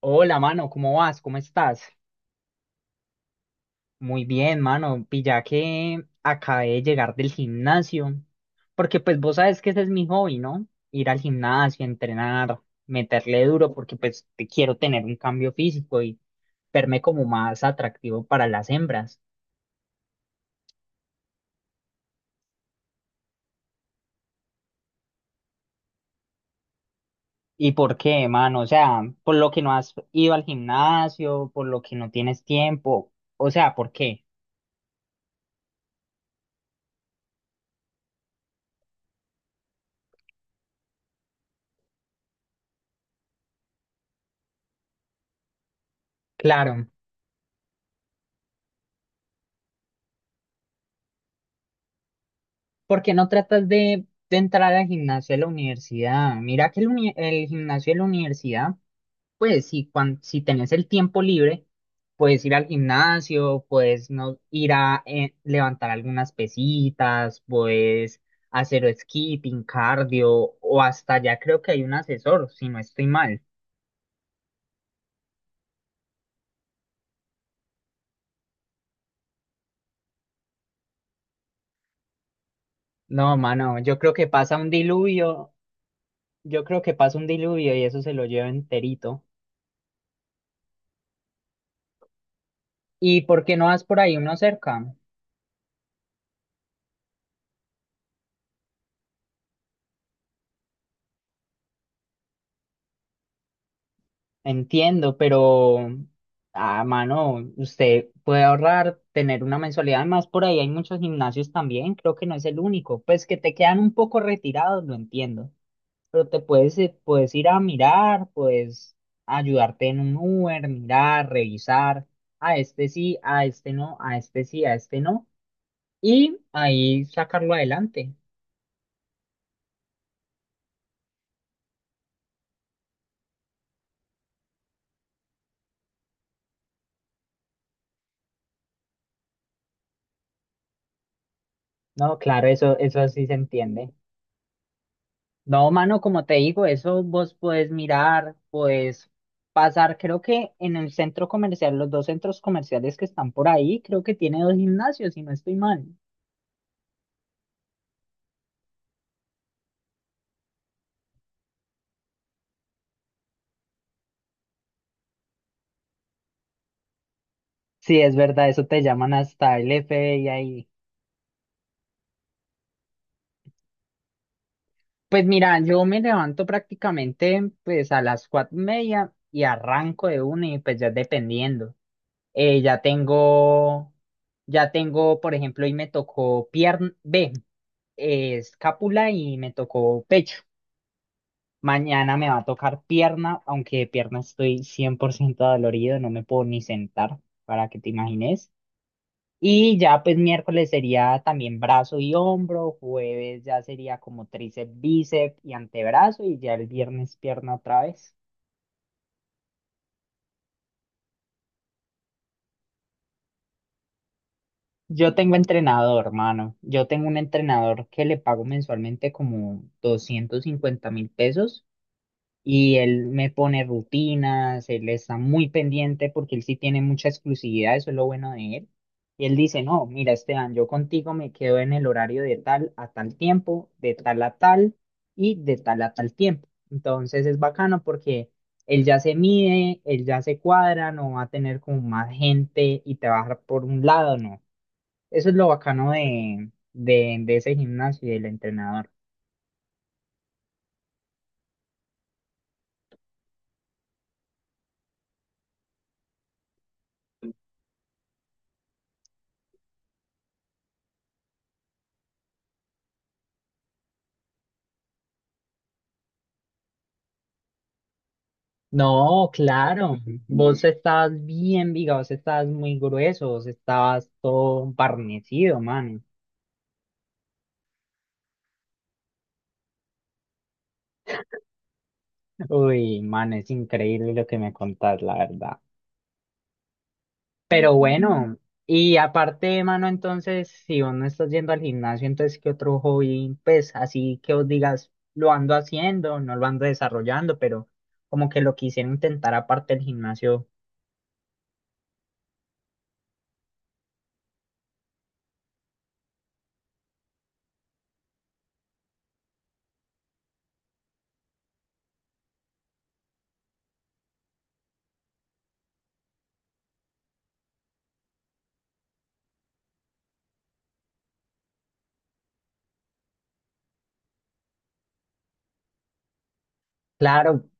Hola, mano, ¿cómo vas? ¿Cómo estás? Muy bien, mano. Pilla que acabé de llegar del gimnasio, porque pues vos sabes que ese es mi hobby, ¿no? Ir al gimnasio, entrenar, meterle duro, porque pues te quiero tener un cambio físico y verme como más atractivo para las hembras. ¿Y por qué, mano? O sea, por lo que no has ido al gimnasio, por lo que no tienes tiempo, o sea, ¿por qué? Claro. ¿Por qué no tratas de entrar al gimnasio de la universidad? Mira que el gimnasio de la universidad, pues si tenés el tiempo libre, puedes ir al gimnasio, puedes no, ir a levantar algunas pesitas, puedes hacer skipping, cardio, o hasta ya creo que hay un asesor, si no estoy mal. No, mano, yo creo que pasa un diluvio, yo creo que pasa un diluvio y eso se lo lleva enterito. ¿Y por qué no vas por ahí uno cerca? Entiendo, pero, ah, mano, usted puede ahorrar, tener una mensualidad. Además, por ahí hay muchos gimnasios también, creo que no es el único. Pues que te quedan un poco retirados, lo entiendo. Pero puedes ir a mirar, puedes ayudarte en un Uber, mirar, revisar. A este sí, a este no, a este sí, a este no. Y ahí sacarlo adelante. No, claro, eso sí se entiende. No, mano, como te digo, eso vos puedes mirar, puedes pasar, creo que en el centro comercial, los dos centros comerciales que están por ahí, creo que tiene dos gimnasios, si no estoy mal. Sí, es verdad, eso te llaman hasta el F FBI ahí. Pues mira, yo me levanto prácticamente pues a las 4:30 y arranco de una y pues ya dependiendo. Eh, ya tengo, ya tengo, por ejemplo, hoy me tocó pierna, B, escápula y me tocó pecho. Mañana me va a tocar pierna, aunque de pierna estoy 100% dolorido, no me puedo ni sentar, para que te imagines. Y ya pues miércoles sería también brazo y hombro, jueves ya sería como tríceps, bíceps y antebrazo y ya el viernes pierna otra vez. Yo tengo entrenador, hermano. Yo tengo un entrenador que le pago mensualmente como 250,000 pesos y él me pone rutinas, él está muy pendiente porque él sí tiene mucha exclusividad, eso es lo bueno de él. Y él dice, no, mira, Esteban, yo contigo me quedo en el horario de tal a tal tiempo, de tal a tal y de tal a tal tiempo. Entonces es bacano porque él ya se mide, él ya se cuadra, no va a tener como más gente y te va a dejar por un lado, no. Eso es lo bacano de ese gimnasio y del entrenador. No, claro. Vos estabas bien, viga, vos estabas muy grueso, vos estabas todo barnecido, man. Uy, man, es increíble lo que me contás, la verdad. Pero bueno, y aparte, mano, entonces, si vos no estás yendo al gimnasio, entonces, ¿qué otro hobby? Pues así que vos digas, lo ando haciendo, no lo ando desarrollando, pero como que lo quisiera intentar aparte del gimnasio. Claro,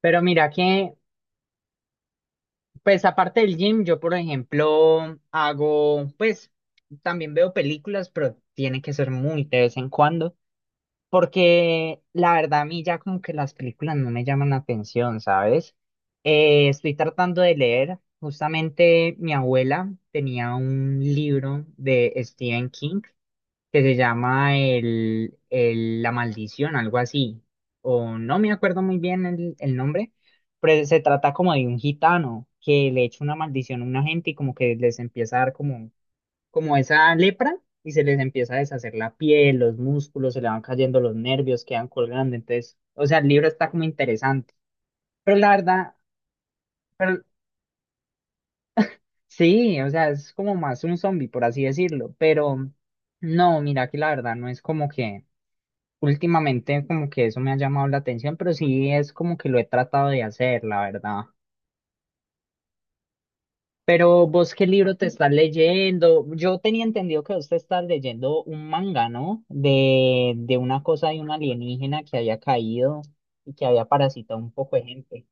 pero mira que. Pues aparte del gym, yo por ejemplo hago, pues también veo películas, pero tiene que ser muy de vez en cuando, porque la verdad a mí ya como que las películas no me llaman la atención, ¿sabes? Estoy tratando de leer, justamente mi abuela tenía un libro de Stephen King que se llama La Maldición, algo así, o no me acuerdo muy bien el nombre, pero se trata como de un gitano que le echa una maldición a una gente y como esa lepra y se les empieza a deshacer la piel, los músculos, se le van cayendo los nervios, quedan colgando, entonces, o sea, el libro está como interesante, pero la verdad, pero, sí, o sea, es como más un zombie, por así decirlo, pero no, mira que la verdad no es como que... Últimamente como que eso me ha llamado la atención, pero sí es como que lo he tratado de hacer, la verdad. Pero vos, ¿qué libro te estás leyendo? Yo tenía entendido que vos te estás leyendo un manga, ¿no? De una cosa de un alienígena que había caído y que había parasitado un poco de gente.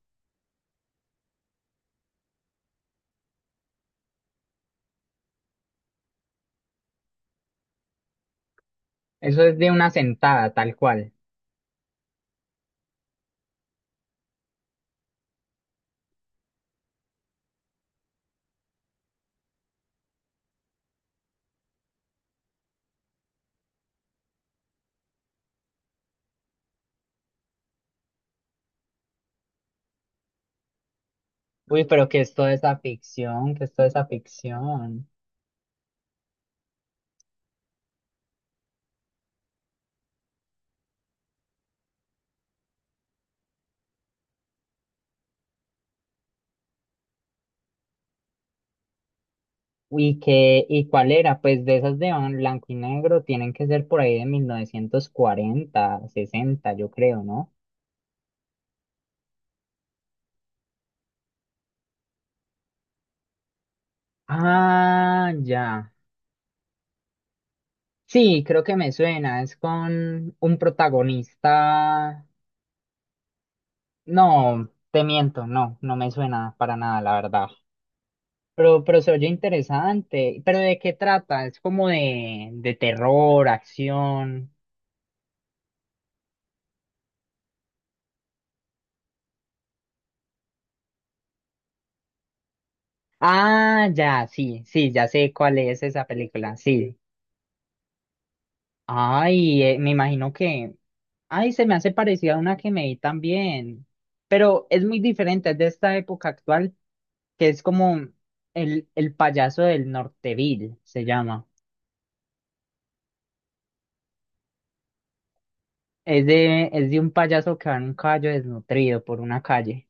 Eso es de una sentada, tal cual. Uy, pero ¿qué es toda esa ficción? ¿Qué es toda esa ficción? ¿Y qué, y cuál era? Pues de esas de blanco y negro tienen que ser por ahí de 1940, 1960 yo creo, ¿no? Ah, ya. Sí, creo que me suena. Es con un protagonista. No, te miento, no, no me suena para nada, la verdad. Pero se oye interesante. ¿Pero de qué trata? Es como de terror, acción. Ah, ya, sí, sí, ya sé cuál es esa película. Sí, ay, me imagino que... Ay, se me hace parecida a una que me vi también. Pero es muy diferente, es de esta época actual, que es como el payaso del Norteville, se llama. Es de un payaso que va en un caballo desnutrido por una calle.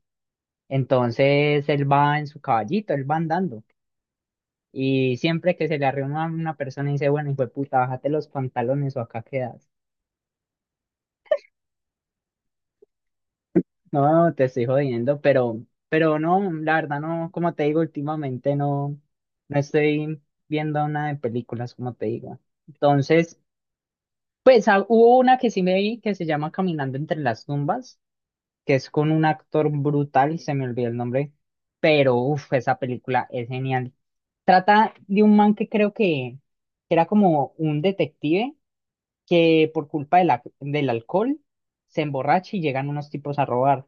Entonces él va en su caballito, él va andando. Y siempre que se le arrima una persona y dice, bueno, hijo de puta, bájate los pantalones o acá quedas. No, te estoy jodiendo, pero no, la verdad no, como te digo, últimamente no estoy viendo nada de películas, como te digo. Entonces, pues hubo una que sí me vi que se llama Caminando entre las tumbas, que es con un actor brutal, se me olvidó el nombre, pero uff, esa película es genial. Trata de un man que creo que era como un detective que por culpa de del alcohol se emborracha y llegan unos tipos a robar.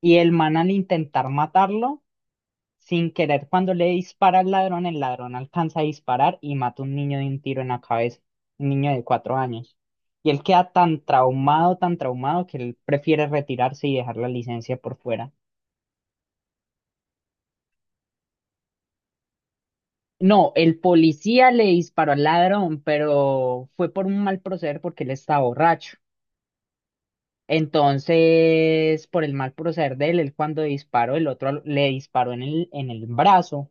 Y el man al intentar matarlo, sin querer, cuando le dispara al ladrón, el ladrón alcanza a disparar y mata a un niño de un tiro en la cabeza, un niño de 4 años. Y él queda tan traumado, que él prefiere retirarse y dejar la licencia por fuera. No, el policía le disparó al ladrón, pero fue por un mal proceder porque él estaba borracho. Entonces, por el mal proceder de él, él cuando disparó, el otro al- le disparó en el brazo.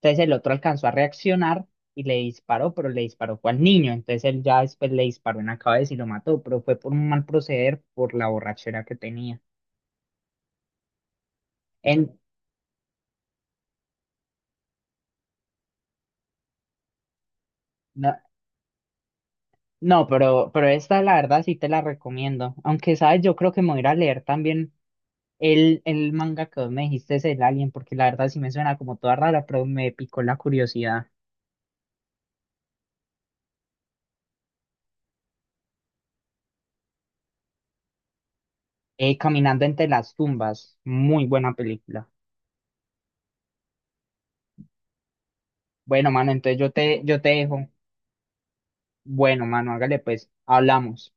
Entonces el otro alcanzó a reaccionar y le disparó, pero le disparó fue al niño. Entonces él ya después le disparó en la cabeza y lo mató, pero fue por un mal proceder, por la borrachera que tenía. En, no, no, pero esta la verdad sí te la recomiendo. Aunque, ¿sabes? Yo creo que me voy a ir a leer también el manga que vos me dijiste, es el Alien, porque la verdad sí me suena como toda rara, pero me picó la curiosidad. Caminando entre las tumbas, muy buena película. Bueno, mano, entonces yo te dejo. Bueno, mano, hágale pues, hablamos.